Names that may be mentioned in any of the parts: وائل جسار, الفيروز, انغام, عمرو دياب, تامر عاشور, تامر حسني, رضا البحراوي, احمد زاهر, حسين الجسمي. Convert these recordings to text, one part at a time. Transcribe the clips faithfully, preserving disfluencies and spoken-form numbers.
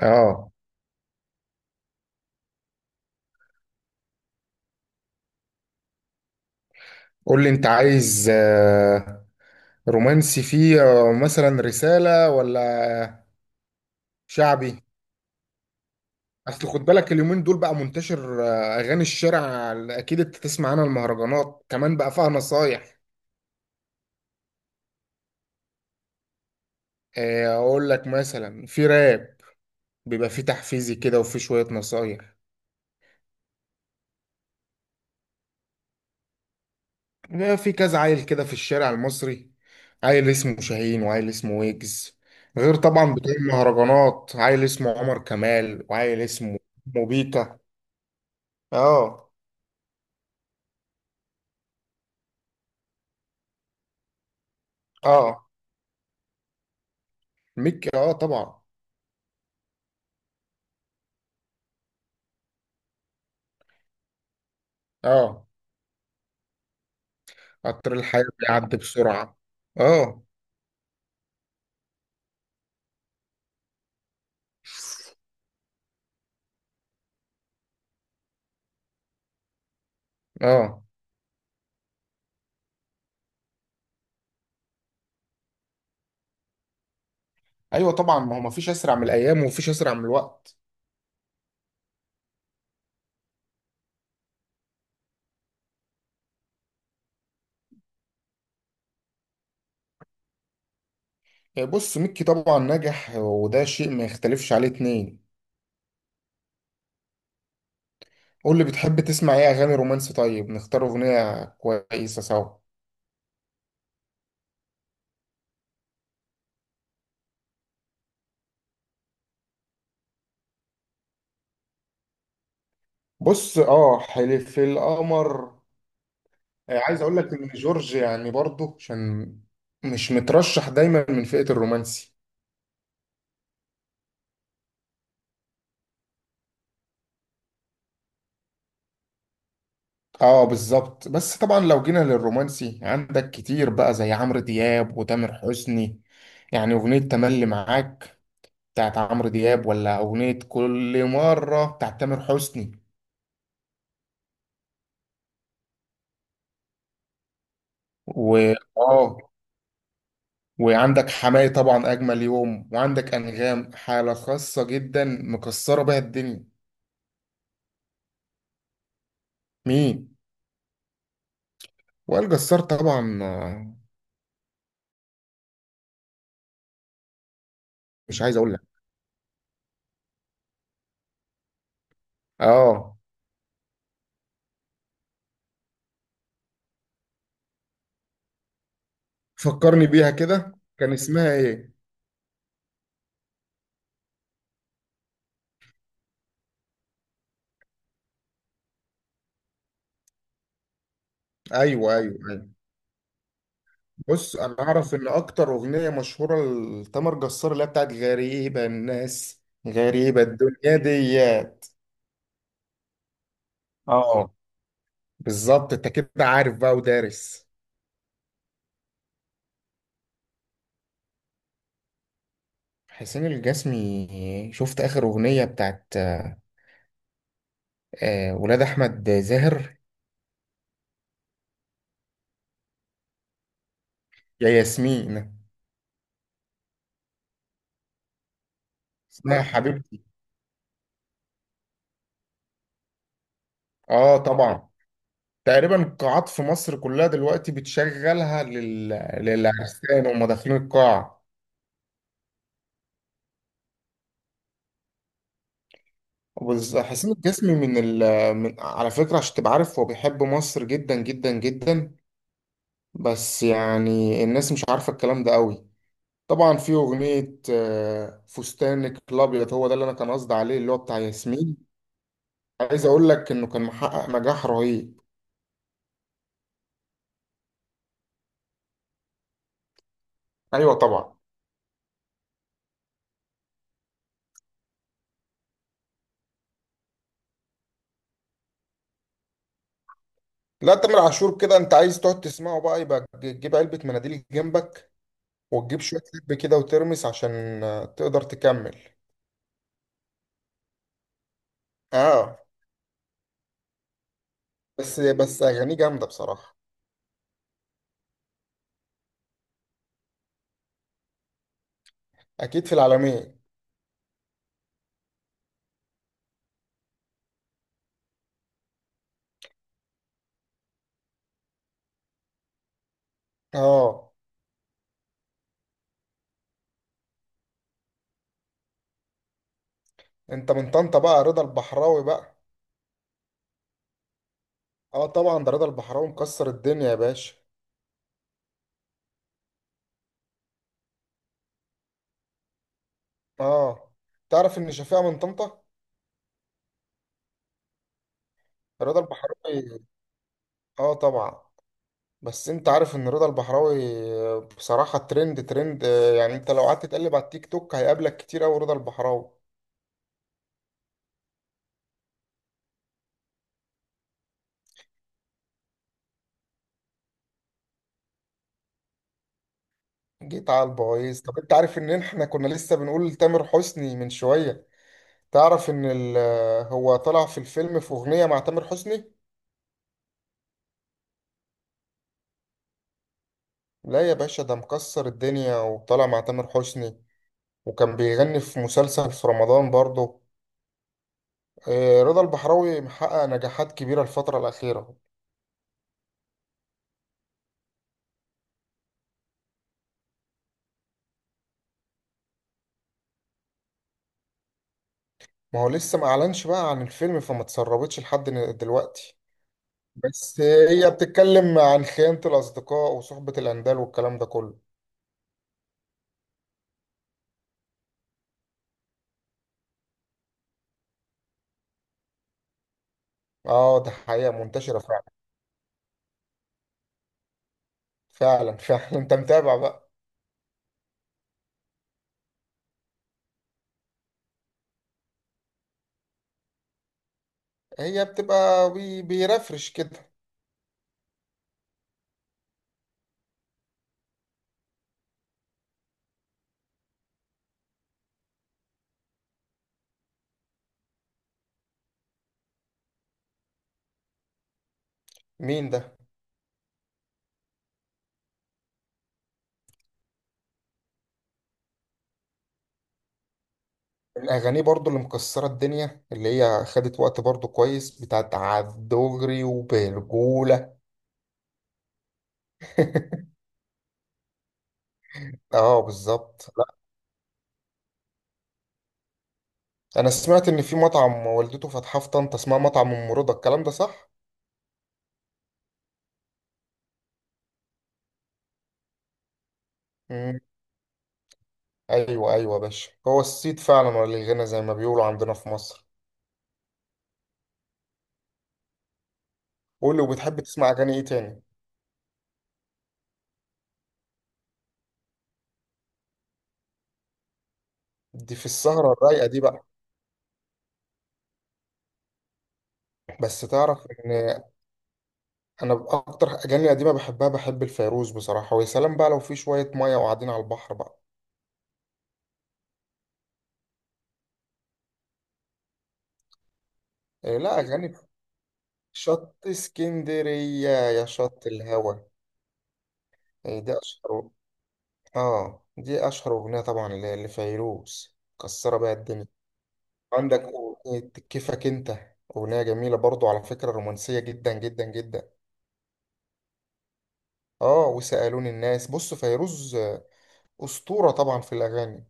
اه. قول لي انت عايز آه، رومانسي فيه آه، مثلا رسالة ولا شعبي. اصل خد بالك اليومين دول بقى منتشر آه، اغاني الشارع. اكيد انت تسمع عنها. المهرجانات كمان بقى فيها نصايح. آه، اقول لك مثلا في راب بيبقى فيه تحفيزي كده وفي شوية نصايح. بيبقى في كذا عيل كده في الشارع المصري، عيل اسمه شاهين وعيل اسمه ويجز. غير طبعا بتوع المهرجانات، عيل اسمه عمر كمال وعيل اسمه موبيكا. اه، اه، ميكي اه طبعا. اه، قطر الحياة بيعدي بسرعة. اه، اه، ايوه طبعا، ما هو مفيش اسرع من الايام ومفيش اسرع من الوقت. آه، بص ميكي طبعا نجح، وده شيء ما يختلفش عليه اتنين. قول لي بتحب تسمع ايه اغاني رومانسي؟ طيب نختار اغنية كويسة سوا. بص. اه، حلف القمر. آه، عايز اقول لك ان جورج يعني برضه عشان مش مترشح دايما من فئة الرومانسي. اه، بالظبط. بس طبعا لو جينا للرومانسي عندك كتير بقى، زي عمرو دياب وتامر حسني. يعني اغنية تملي معاك بتاعت عمرو دياب، ولا اغنية كل مرة بتاعت تامر حسني. و اه، وعندك حماية طبعا اجمل يوم، وعندك انغام حالة خاصة جدا مكسرة بيها الدنيا. مين؟ وائل جسار طبعا آه، مش عايز اقول لك. اه، فكرني بيها كده. كان اسمها ايه؟ ايوه، ايوه، أيوه. بص، انا اعرف ان اكتر اغنيه مشهوره لتامر جسار اللي هي بتاعت غريبه الناس غريبه الدنيا دي. اه، بالظبط. انت كده عارف بقى ودارس. حسين الجسمي، شفت اخر اغنيه بتاعت آه، آه، ولاد احمد زاهر؟ يا ياسمين. اسمها حبيبتي. اه طبعا، تقريبا القاعات في مصر كلها دلوقتي بتشغلها لل... للعرسان وهم داخلين القاعه. وبز- حسين الجسمي من ال من على فكرة، عشان تبقى عارف هو بيحب مصر جدا جدا جدا. بس يعني الناس مش عارفة الكلام ده قوي. طبعا في أغنية آه، فستانك الأبيض، هو ده اللي أنا كان قصدي عليه، اللي هو بتاع ياسمين. عايز أقول لك إنه كان محقق نجاح رهيب. أيوة طبعا. لا، تامر عاشور كده أنت عايز تقعد تسمعه بقى، يبقى تجيب علبة مناديل جنبك وتجيب شوية لب كده وترمس عشان آه، تقدر تكمل. اه، بس بس أغانيه جامدة بصراحة. أكيد في العالمية. اه، انت من طنطا بقى، رضا البحراوي بقى. اه طبعا، ده رضا البحراوي مكسر الدنيا يا باشا. اه، تعرف ان شفيقة من طنطا؟ رضا البحراوي؟ اه طبعا. بس انت عارف ان رضا البحراوي بصراحة ترند ترند، آه، يعني انت لو قعدت تقلب على التيك توك هيقابلك كتير اوي رضا البحراوي. جيت على البويز. طب انت عارف ان احنا كنا لسه بنقول تامر حسني من شوية؟ تعرف ان ال- آه، هو طلع في الفيلم في اغنية مع تامر حسني. لا يا باشا، ده مكسر الدنيا وطالع مع تامر حسني. وكان بيغني في مسلسل في رمضان برضه. آه، رضا البحراوي محقق نجاحات كبيرة الفترة الأخيرة. ما هو لسه ما أعلنش بقى عن الفيلم، فما تسربتش لحد ن- دلوقتي. بس هي بتتكلم عن خيانة الأصدقاء وصحبة الأندال والكلام ده كله. اه، ده حقيقة منتشرة فعلا. فعلا فعلا. انت متابع بقى. هي بتبقى بي بيرفرش كده. مين ده؟ من الأغاني برضو اللي مكسرة الدنيا، اللي هي خدت وقت برضو كويس، بتاعت عالدغري وبرجولة. اه بالظبط. لا، انا سمعت ان في مطعم والدته فاتحاه في طنطا اسمها مطعم ام رضا، الكلام ده صح؟ مم. ايوه ايوه يا باشا، هو الصيت فعلا ولا الغنى زي ما بيقولوا عندنا في مصر. قول لي، وبتحب تسمع اغاني ايه تاني؟ دي في السهره الرايقه دي بقى. بس تعرف ان انا اكتر اغاني قديمه بحبها، بحب الفيروز بصراحه، ويا سلام بقى لو في شويه ميه وقاعدين على البحر بقى. إيه؟ لا، اغاني شط اسكندريه يا شط الهوا. إيه ده اشهر؟ اه، دي اشهر اغنيه طبعا ل- لفيروز. كسره بقى الدنيا. عندك اغنيه كيفك انت، اغنيه جميله برضو على فكره، رومانسيه جدا جدا جدا. اه، وسالوني الناس. بص، فيروز آه، اسطوره طبعا في الاغاني.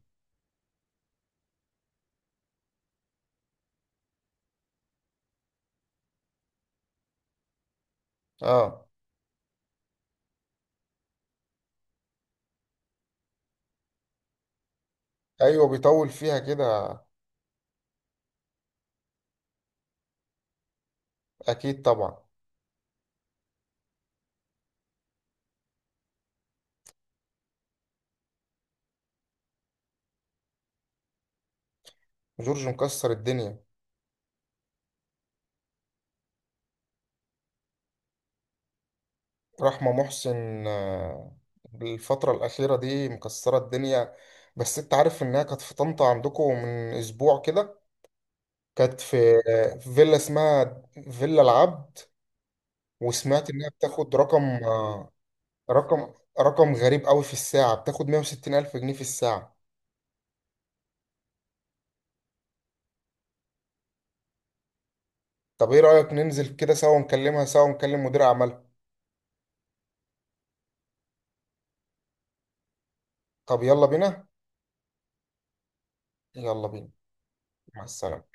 اه ايوه، بيطول فيها كده. اكيد طبعا. جورج مكسر الدنيا. رحمه محسن آه، الفتره الاخيره دي مكسره الدنيا. بس انت عارف انها كانت في طنطا عندكم من اسبوع كده؟ كانت في في فيلا اسمها فيلا العبد. وسمعت انها بتاخد رقم آه، رقم رقم غريب قوي، في الساعة بتاخد مية وستين ألف جنيه في الساعة. طب ايه رأيك ننزل كده سوا، نكلمها سوا ونكلم مدير اعمالها؟ طب يلا بينا. يلا بينا. مع السلامة.